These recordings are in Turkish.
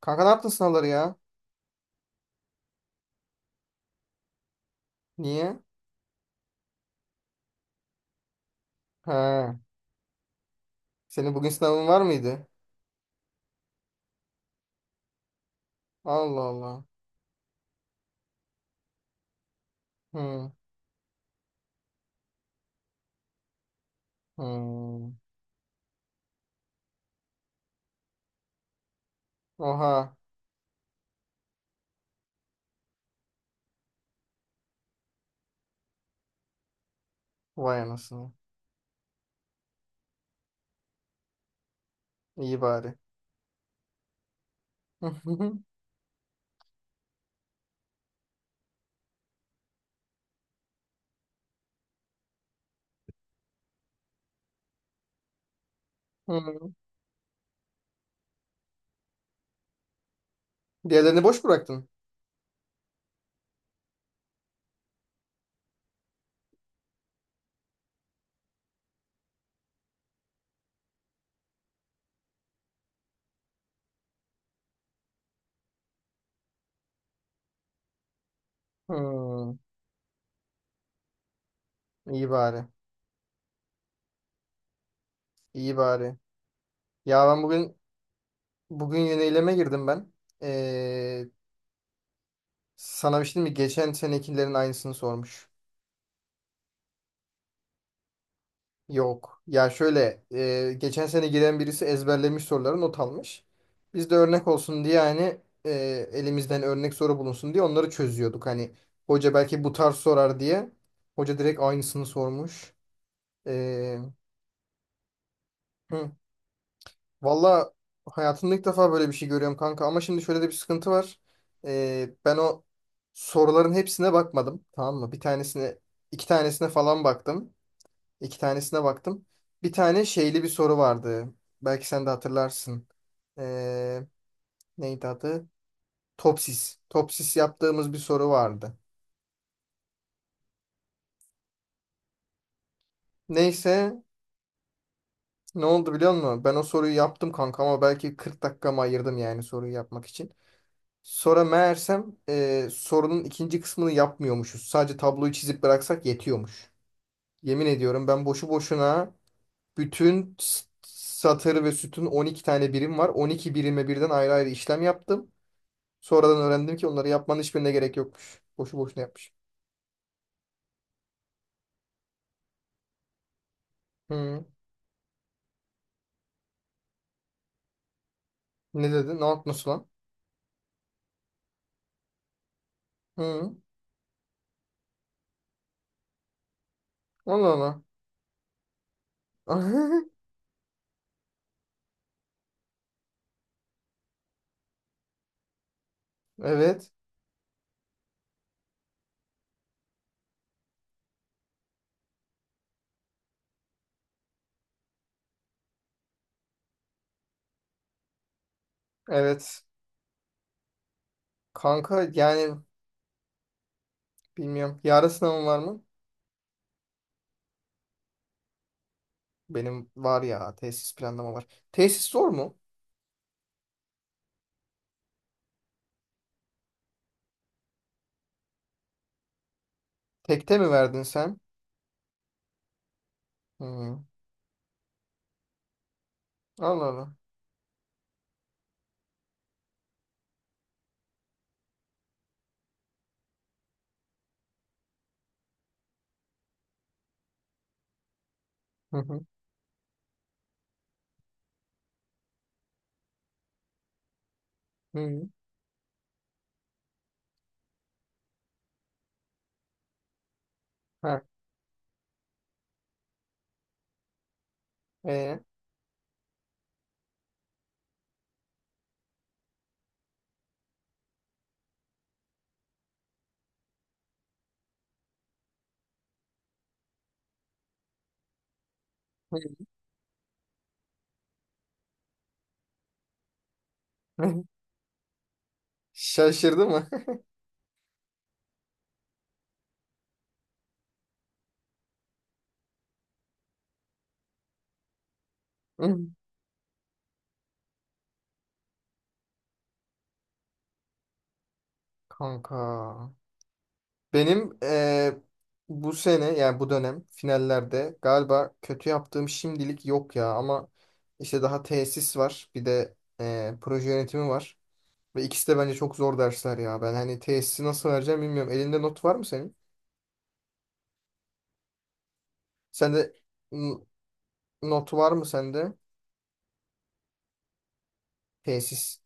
Kanka ne yaptın sınavları ya? Niye? He. Senin bugün sınavın var mıydı? Allah Allah. Hı. Hı. Oha. Vay anasını. İyi bari. Hı. Diğerlerini boş bıraktın. Hı. İyi bari. İyi bari. Ya ben bugün yöneyleme girdim ben. Ee, Sana bir şey diyeyim mi? Geçen senekilerin aynısını sormuş. Yok. Ya şöyle geçen sene giren birisi ezberlemiş, soruları not almış. Biz de örnek olsun diye, hani elimizden örnek soru bulunsun diye onları çözüyorduk. Hani hoca belki bu tarz sorar diye. Hoca direkt aynısını sormuş. E, hı. Valla hayatımda ilk defa böyle bir şey görüyorum kanka. Ama şimdi şöyle de bir sıkıntı var. Ben o soruların hepsine bakmadım. Tamam mı? Bir tanesine, iki tanesine falan baktım. İki tanesine baktım. Bir tane şeyli bir soru vardı. Belki sen de hatırlarsın. Ee, Neydi adı? Topsis. Topsis yaptığımız bir soru vardı. Neyse, ne oldu biliyor musun? Ben o soruyu yaptım kanka ama belki 40 dakikamı ayırdım yani soruyu yapmak için. Sonra meğersem sorunun ikinci kısmını yapmıyormuşuz. Sadece tabloyu çizip bıraksak yetiyormuş. Yemin ediyorum, ben boşu boşuna bütün satır ve sütun 12 tane birim var. 12 birime birden ayrı ayrı işlem yaptım. Sonradan öğrendim ki onları yapmanın hiçbirine gerek yokmuş. Boşu boşuna yapmış. Hı. Ne dedi? Nasıl lan? Hı. Allah Allah. Evet. Evet. Kanka yani bilmiyorum. Yarın sınavım var mı? Benim var ya. Tesis planlama var. Tesis zor mu? Tekte mi verdin sen? Hı. Allah Allah. Hı hı. Hı. Ha. E. Hı. Şaşırdı mı? Hı. Kanka. Benim bu sene yani bu dönem finallerde galiba kötü yaptığım şimdilik yok ya, ama işte daha tesis var, bir de proje yönetimi var ve ikisi de bence çok zor dersler ya. Ben hani tesisi nasıl vereceğim bilmiyorum, elinde not var mı senin? Sende n- Not var mı sende? Tesis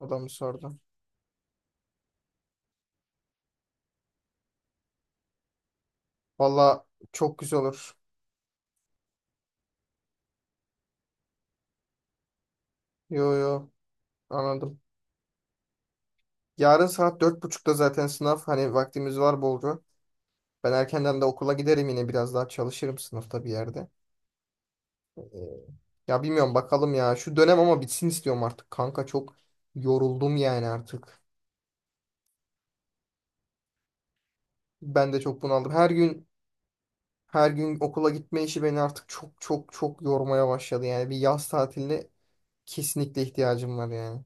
adamı sordu. Valla çok güzel olur. Yo yo, anladım. Yarın saat 4:30'da zaten sınav, hani vaktimiz var bolca. Ben erkenden de okula giderim, yine biraz daha çalışırım sınıfta bir yerde. Ee, Ya bilmiyorum, bakalım ya. Şu dönem ama bitsin istiyorum artık kanka. Çok yoruldum yani artık. Ben de çok bunaldım. Her gün her gün okula gitme işi beni artık çok çok çok yormaya başladı. Yani bir yaz tatiline kesinlikle ihtiyacım var yani.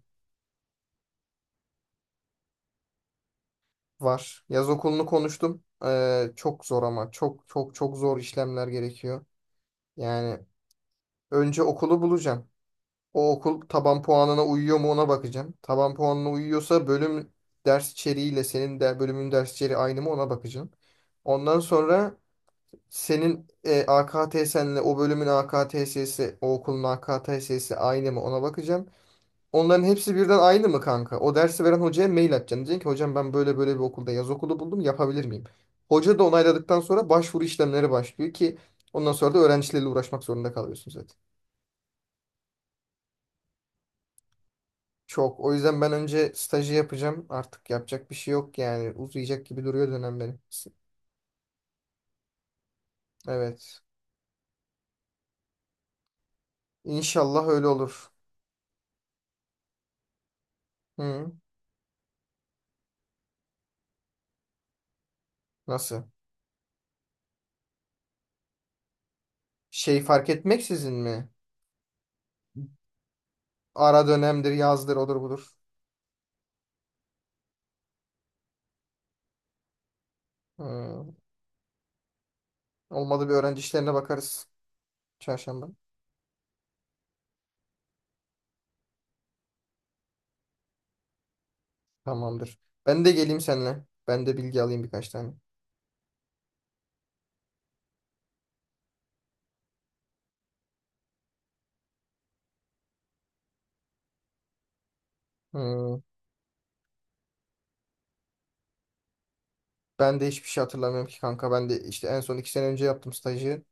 Var. Yaz okulunu konuştum. Çok zor, ama çok çok çok zor işlemler gerekiyor. Yani önce okulu bulacağım. O okul taban puanına uyuyor mu ona bakacağım. Taban puanına uyuyorsa bölüm ders içeriğiyle senin de bölümün ders içeriği aynı mı ona bakacağım. Ondan sonra senin AKTS'nle o bölümün AKTS'si, o okulun AKTS'si aynı mı ona bakacağım. Onların hepsi birden aynı mı kanka? O dersi veren hocaya mail atacaksın. Diyeceksin ki hocam, ben böyle böyle bir okulda yaz okulu buldum, yapabilir miyim? Hoca da onayladıktan sonra başvuru işlemleri başlıyor ki ondan sonra da öğrencilerle uğraşmak zorunda kalıyorsun zaten. Çok. O yüzden ben önce stajı yapacağım. Artık yapacak bir şey yok yani. Uzayacak gibi duruyor dönem benim. Evet. İnşallah öyle olur. Hı. Nasıl? Şey, fark etmeksizin mi? Ara dönemdir, yazdır, odur budur. Hı. Olmadı bir öğrenci işlerine bakarız. Çarşamba. Tamamdır. Ben de geleyim seninle. Ben de bilgi alayım birkaç tane. Hı. Ben de hiçbir şey hatırlamıyorum ki kanka. Ben de işte en son 2 sene önce yaptım stajı.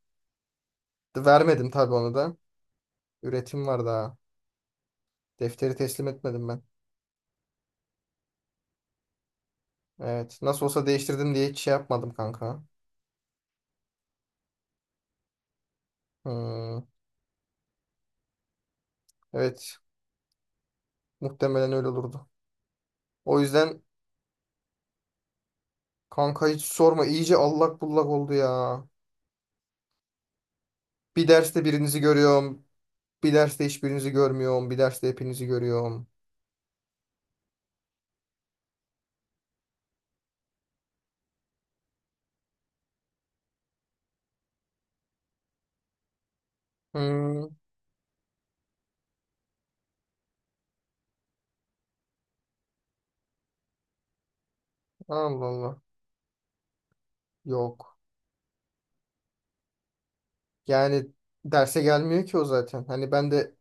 Vermedim tabii onu da. Üretim var daha. Defteri teslim etmedim ben. Evet. Nasıl olsa değiştirdim diye hiç şey yapmadım kanka. Hmm, evet. Muhtemelen öyle olurdu. O yüzden kanka hiç sorma. İyice allak bullak oldu ya. Bir derste birinizi görüyorum. Bir derste hiçbirinizi görmüyorum. Bir derste hepinizi görüyorum. Hmm. Allah Allah. Yok. Yani derse gelmiyor ki o zaten. Hani ben de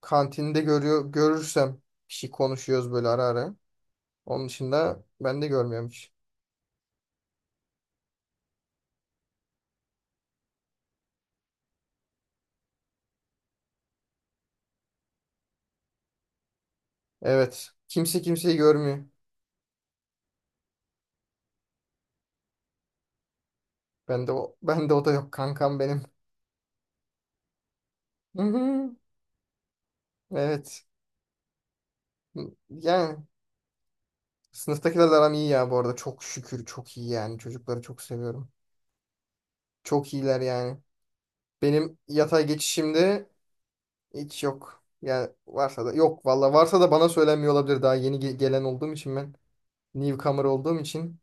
kantinde görüyor, görürsem bir şey konuşuyoruz böyle ara ara. Onun dışında ben de görmüyorum hiç. Evet. Kimse kimseyi görmüyor. Ben de o da yok kankam benim. Hı hı. Evet. Yani sınıftakilerle aram iyi ya bu arada. Çok şükür çok iyi yani. Çocukları çok seviyorum. Çok iyiler yani. Benim yatay geçişimde hiç yok. Yani varsa da yok valla. Varsa da bana söylenmiyor olabilir. Daha yeni gelen olduğum için, ben newcomer olduğum için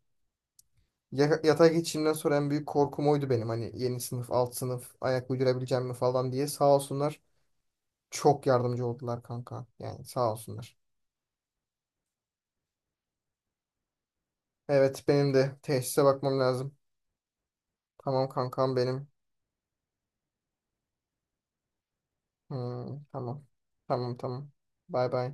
yatay geçişimden sonra en büyük korkum oydu benim. Hani yeni sınıf, alt sınıf, ayak uydurabileceğim mi falan diye. Sağ olsunlar. Çok yardımcı oldular kanka. Yani sağ olsunlar. Evet, benim de tesise bakmam lazım. Tamam kankam benim. Hmm, tamam. Tamam tamam. Bay bay.